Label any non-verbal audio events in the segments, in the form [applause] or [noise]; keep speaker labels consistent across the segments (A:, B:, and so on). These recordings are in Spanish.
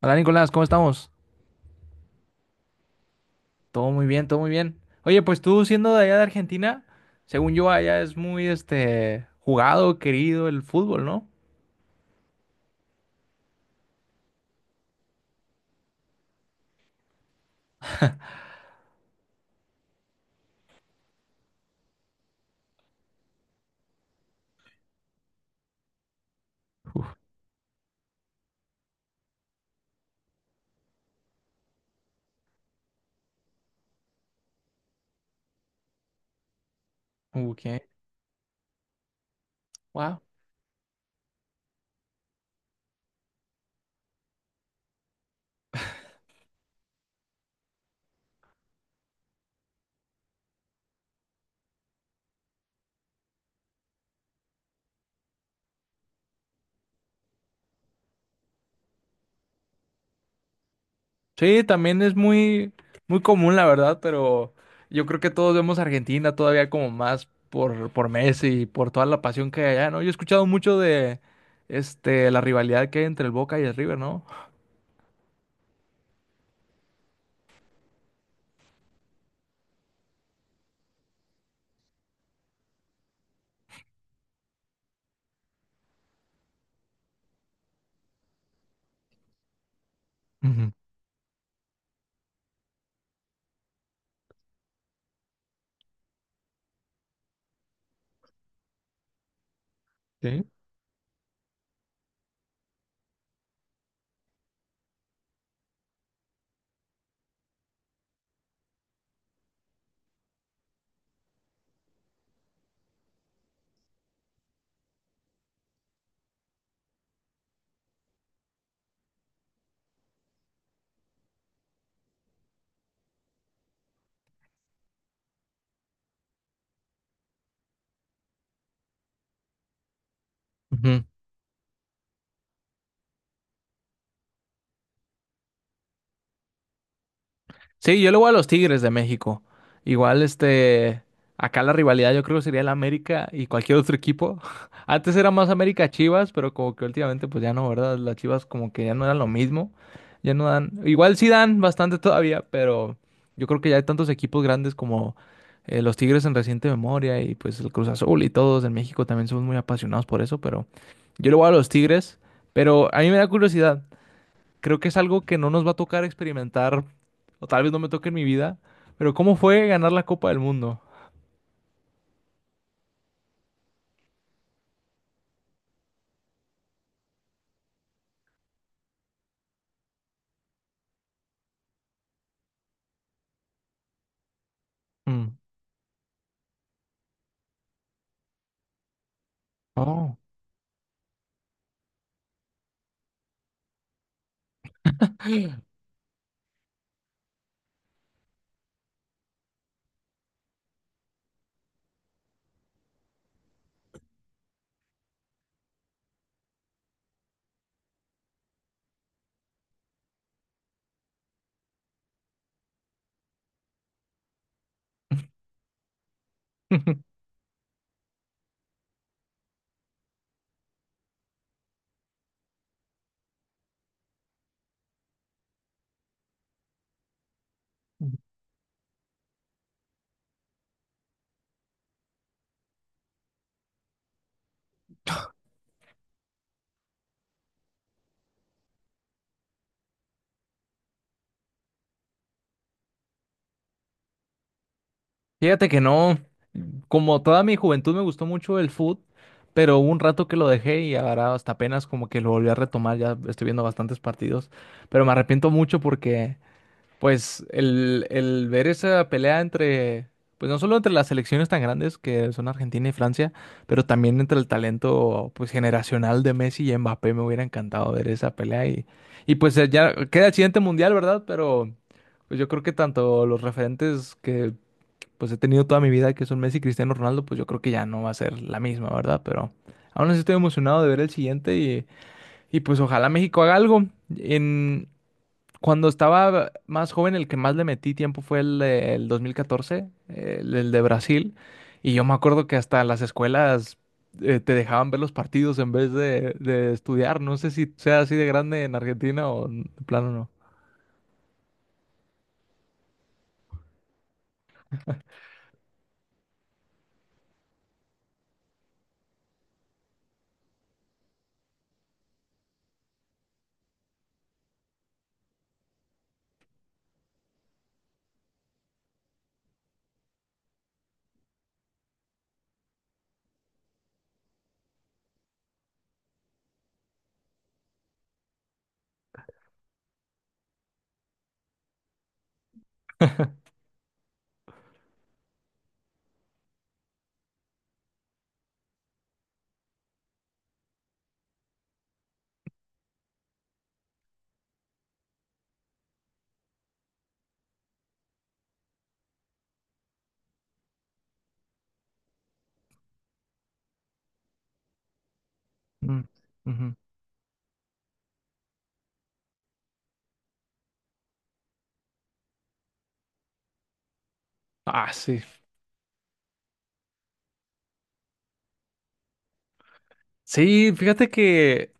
A: Hola Nicolás, ¿cómo estamos? Todo muy bien, todo muy bien. Oye, pues tú siendo de allá de Argentina, según yo allá es muy este jugado, querido el fútbol, ¿no? Ok, wow. Sí, también es muy muy común la verdad, pero yo creo que todos vemos a Argentina todavía como más por Messi y por toda la pasión que hay allá, ¿no? Yo he escuchado mucho de este la rivalidad que hay entre el Boca y el River, ¿no? Ujú. Sí. Ujú. Sí, yo le voy a los Tigres de México. Igual, este, acá la rivalidad yo creo que sería el América y cualquier otro equipo. [laughs] Antes era más América Chivas, pero como que últimamente pues ya no, ¿verdad? Las Chivas como que ya no eran lo mismo. Ya no dan, igual sí dan bastante todavía, pero yo creo que ya hay tantos equipos grandes como los Tigres en reciente memoria y pues el Cruz Azul y todos en México también somos muy apasionados por eso, pero yo le voy a los Tigres, pero a mí me da curiosidad. Creo que es algo que no nos va a tocar experimentar o tal vez no me toque en mi vida, pero ¿cómo fue ganar la Copa del Mundo? Mm. Oh. [laughs] Fíjate que no, como toda mi juventud me gustó mucho el fútbol, pero hubo un rato que lo dejé y ahora hasta apenas como que lo volví a retomar, ya estoy viendo bastantes partidos, pero me arrepiento mucho porque pues el ver esa pelea entre, pues no solo entre las selecciones tan grandes que son Argentina y Francia, pero también entre el talento pues generacional de Messi y Mbappé, me hubiera encantado ver esa pelea y pues ya queda el siguiente mundial, ¿verdad? Pero pues yo creo que tanto los referentes que pues he tenido toda mi vida, que son Messi y Cristiano Ronaldo, pues yo creo que ya no va a ser la misma, ¿verdad? Pero aún así estoy emocionado de ver el siguiente y pues ojalá México haga algo. En, cuando estaba más joven, el que más le metí tiempo fue el 2014, el de Brasil. Y yo me acuerdo que hasta las escuelas te dejaban ver los partidos en vez de estudiar. No sé si sea así de grande en Argentina o de plano no. [laughs] Mm, ujú. Ah, sí. Sí, fíjate que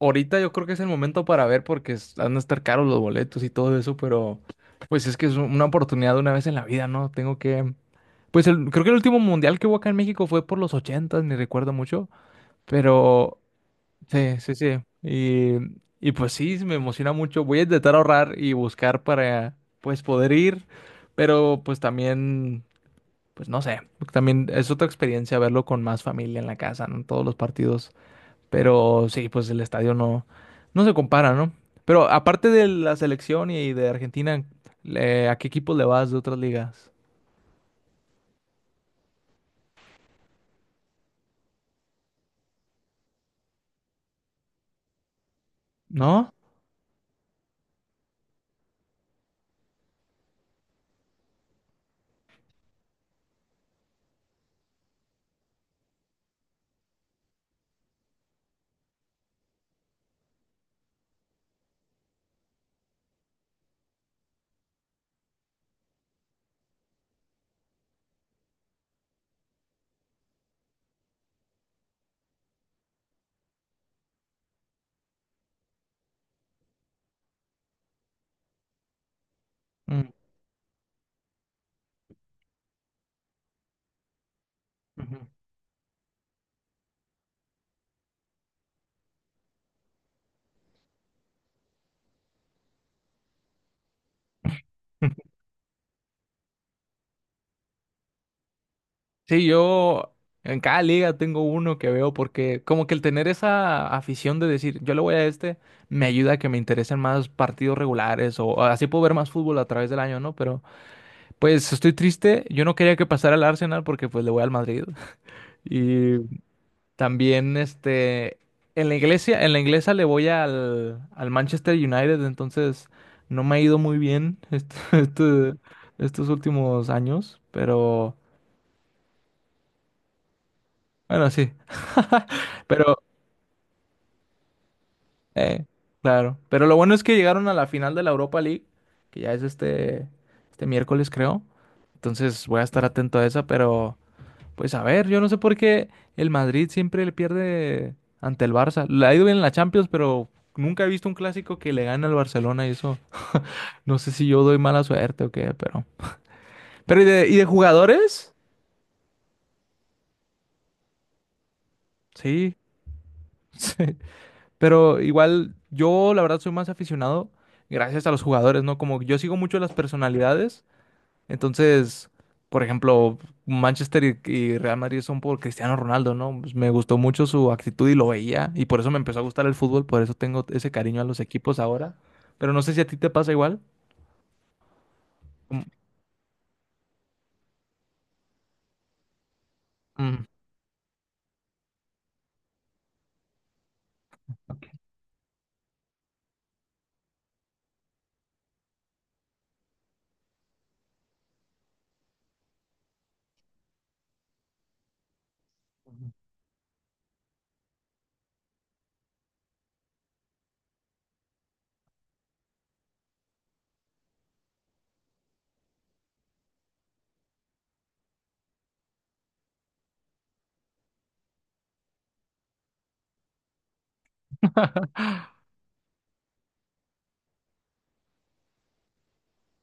A: ahorita yo creo que es el momento para ver porque han de estar caros los boletos y todo eso, pero pues es que es una oportunidad de una vez en la vida, ¿no? Tengo que... Pues creo que el último mundial que hubo acá en México fue por los ochentas, ni recuerdo mucho, pero sí, sí, sí. Y pues sí, me emociona mucho. Voy a intentar ahorrar y buscar para pues poder ir, pero pues también, pues no sé, también es otra experiencia verlo con más familia en la casa, ¿no? Todos los partidos, pero sí, pues el estadio no, no se compara, ¿no? Pero aparte de la selección y de Argentina, ¿a qué equipos le vas de otras ligas? ¿No? Mm, ujú. Sí, yo en cada liga tengo uno que veo porque como que el tener esa afición de decir, yo le voy a este, me ayuda a que me interesen más partidos regulares o así puedo ver más fútbol a través del año, ¿no? Pero pues estoy triste, yo no quería que pasara al Arsenal porque pues le voy al Madrid. [laughs] Y también este en la inglesa le voy al, al Manchester United, entonces no me ha ido muy bien [laughs] estos últimos años, pero bueno, sí. Pero eh, claro. Pero lo bueno es que llegaron a la final de la Europa League, que ya es este, este miércoles, creo. Entonces voy a estar atento a esa, pero pues a ver, yo no sé por qué el Madrid siempre le pierde ante el Barça. Le ha ido bien en la Champions, pero nunca he visto un clásico que le gane al Barcelona y eso. [laughs] No sé si yo doy mala suerte o qué, pero. Pero ¿y y de jugadores? Sí, [laughs] sí. Pero igual yo la verdad soy más aficionado gracias a los jugadores, ¿no? Como yo sigo mucho las personalidades. Entonces, por ejemplo, Manchester y Real Madrid son por Cristiano Ronaldo, ¿no? Pues me gustó mucho su actitud y lo veía, y por eso me empezó a gustar el fútbol, por eso tengo ese cariño a los equipos ahora. Pero no sé si a ti te pasa igual. Mm, mm.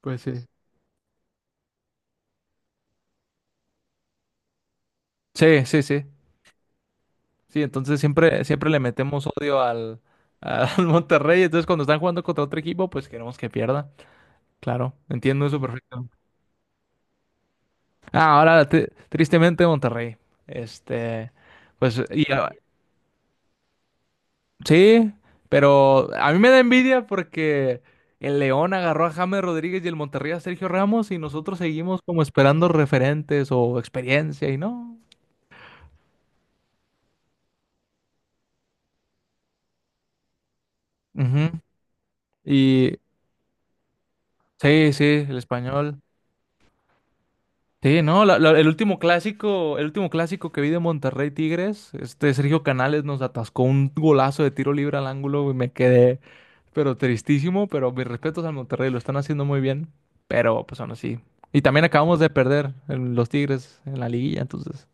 A: Pues sí. Sí, sí, sí. Sí, entonces siempre, siempre le metemos odio al, al [laughs] Monterrey. Entonces, cuando están jugando contra otro equipo, pues queremos que pierda. Claro, entiendo eso perfecto. Ah, ahora, tristemente, Monterrey. Este, pues, y, sí, pero a mí me da envidia porque el León agarró a James Rodríguez y el Monterrey a Sergio Ramos y nosotros seguimos como esperando referentes o experiencia y no. Ujú. Y sí, sí, el español. Sí, no, el último clásico que vi de Monterrey Tigres, este Sergio Canales nos atascó un golazo de tiro libre al ángulo y me quedé, pero tristísimo, pero mis respetos al Monterrey, lo están haciendo muy bien, pero pues aún así. Y también acabamos de perder en los Tigres en la liguilla, entonces,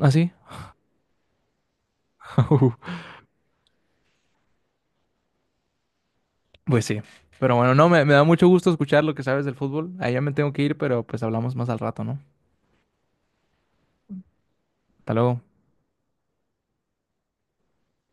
A: así. [laughs] Pues sí. Pero bueno, no, me da mucho gusto escuchar lo que sabes del fútbol. Ahí ya me tengo que ir, pero pues hablamos más al rato, ¿no? Hasta luego.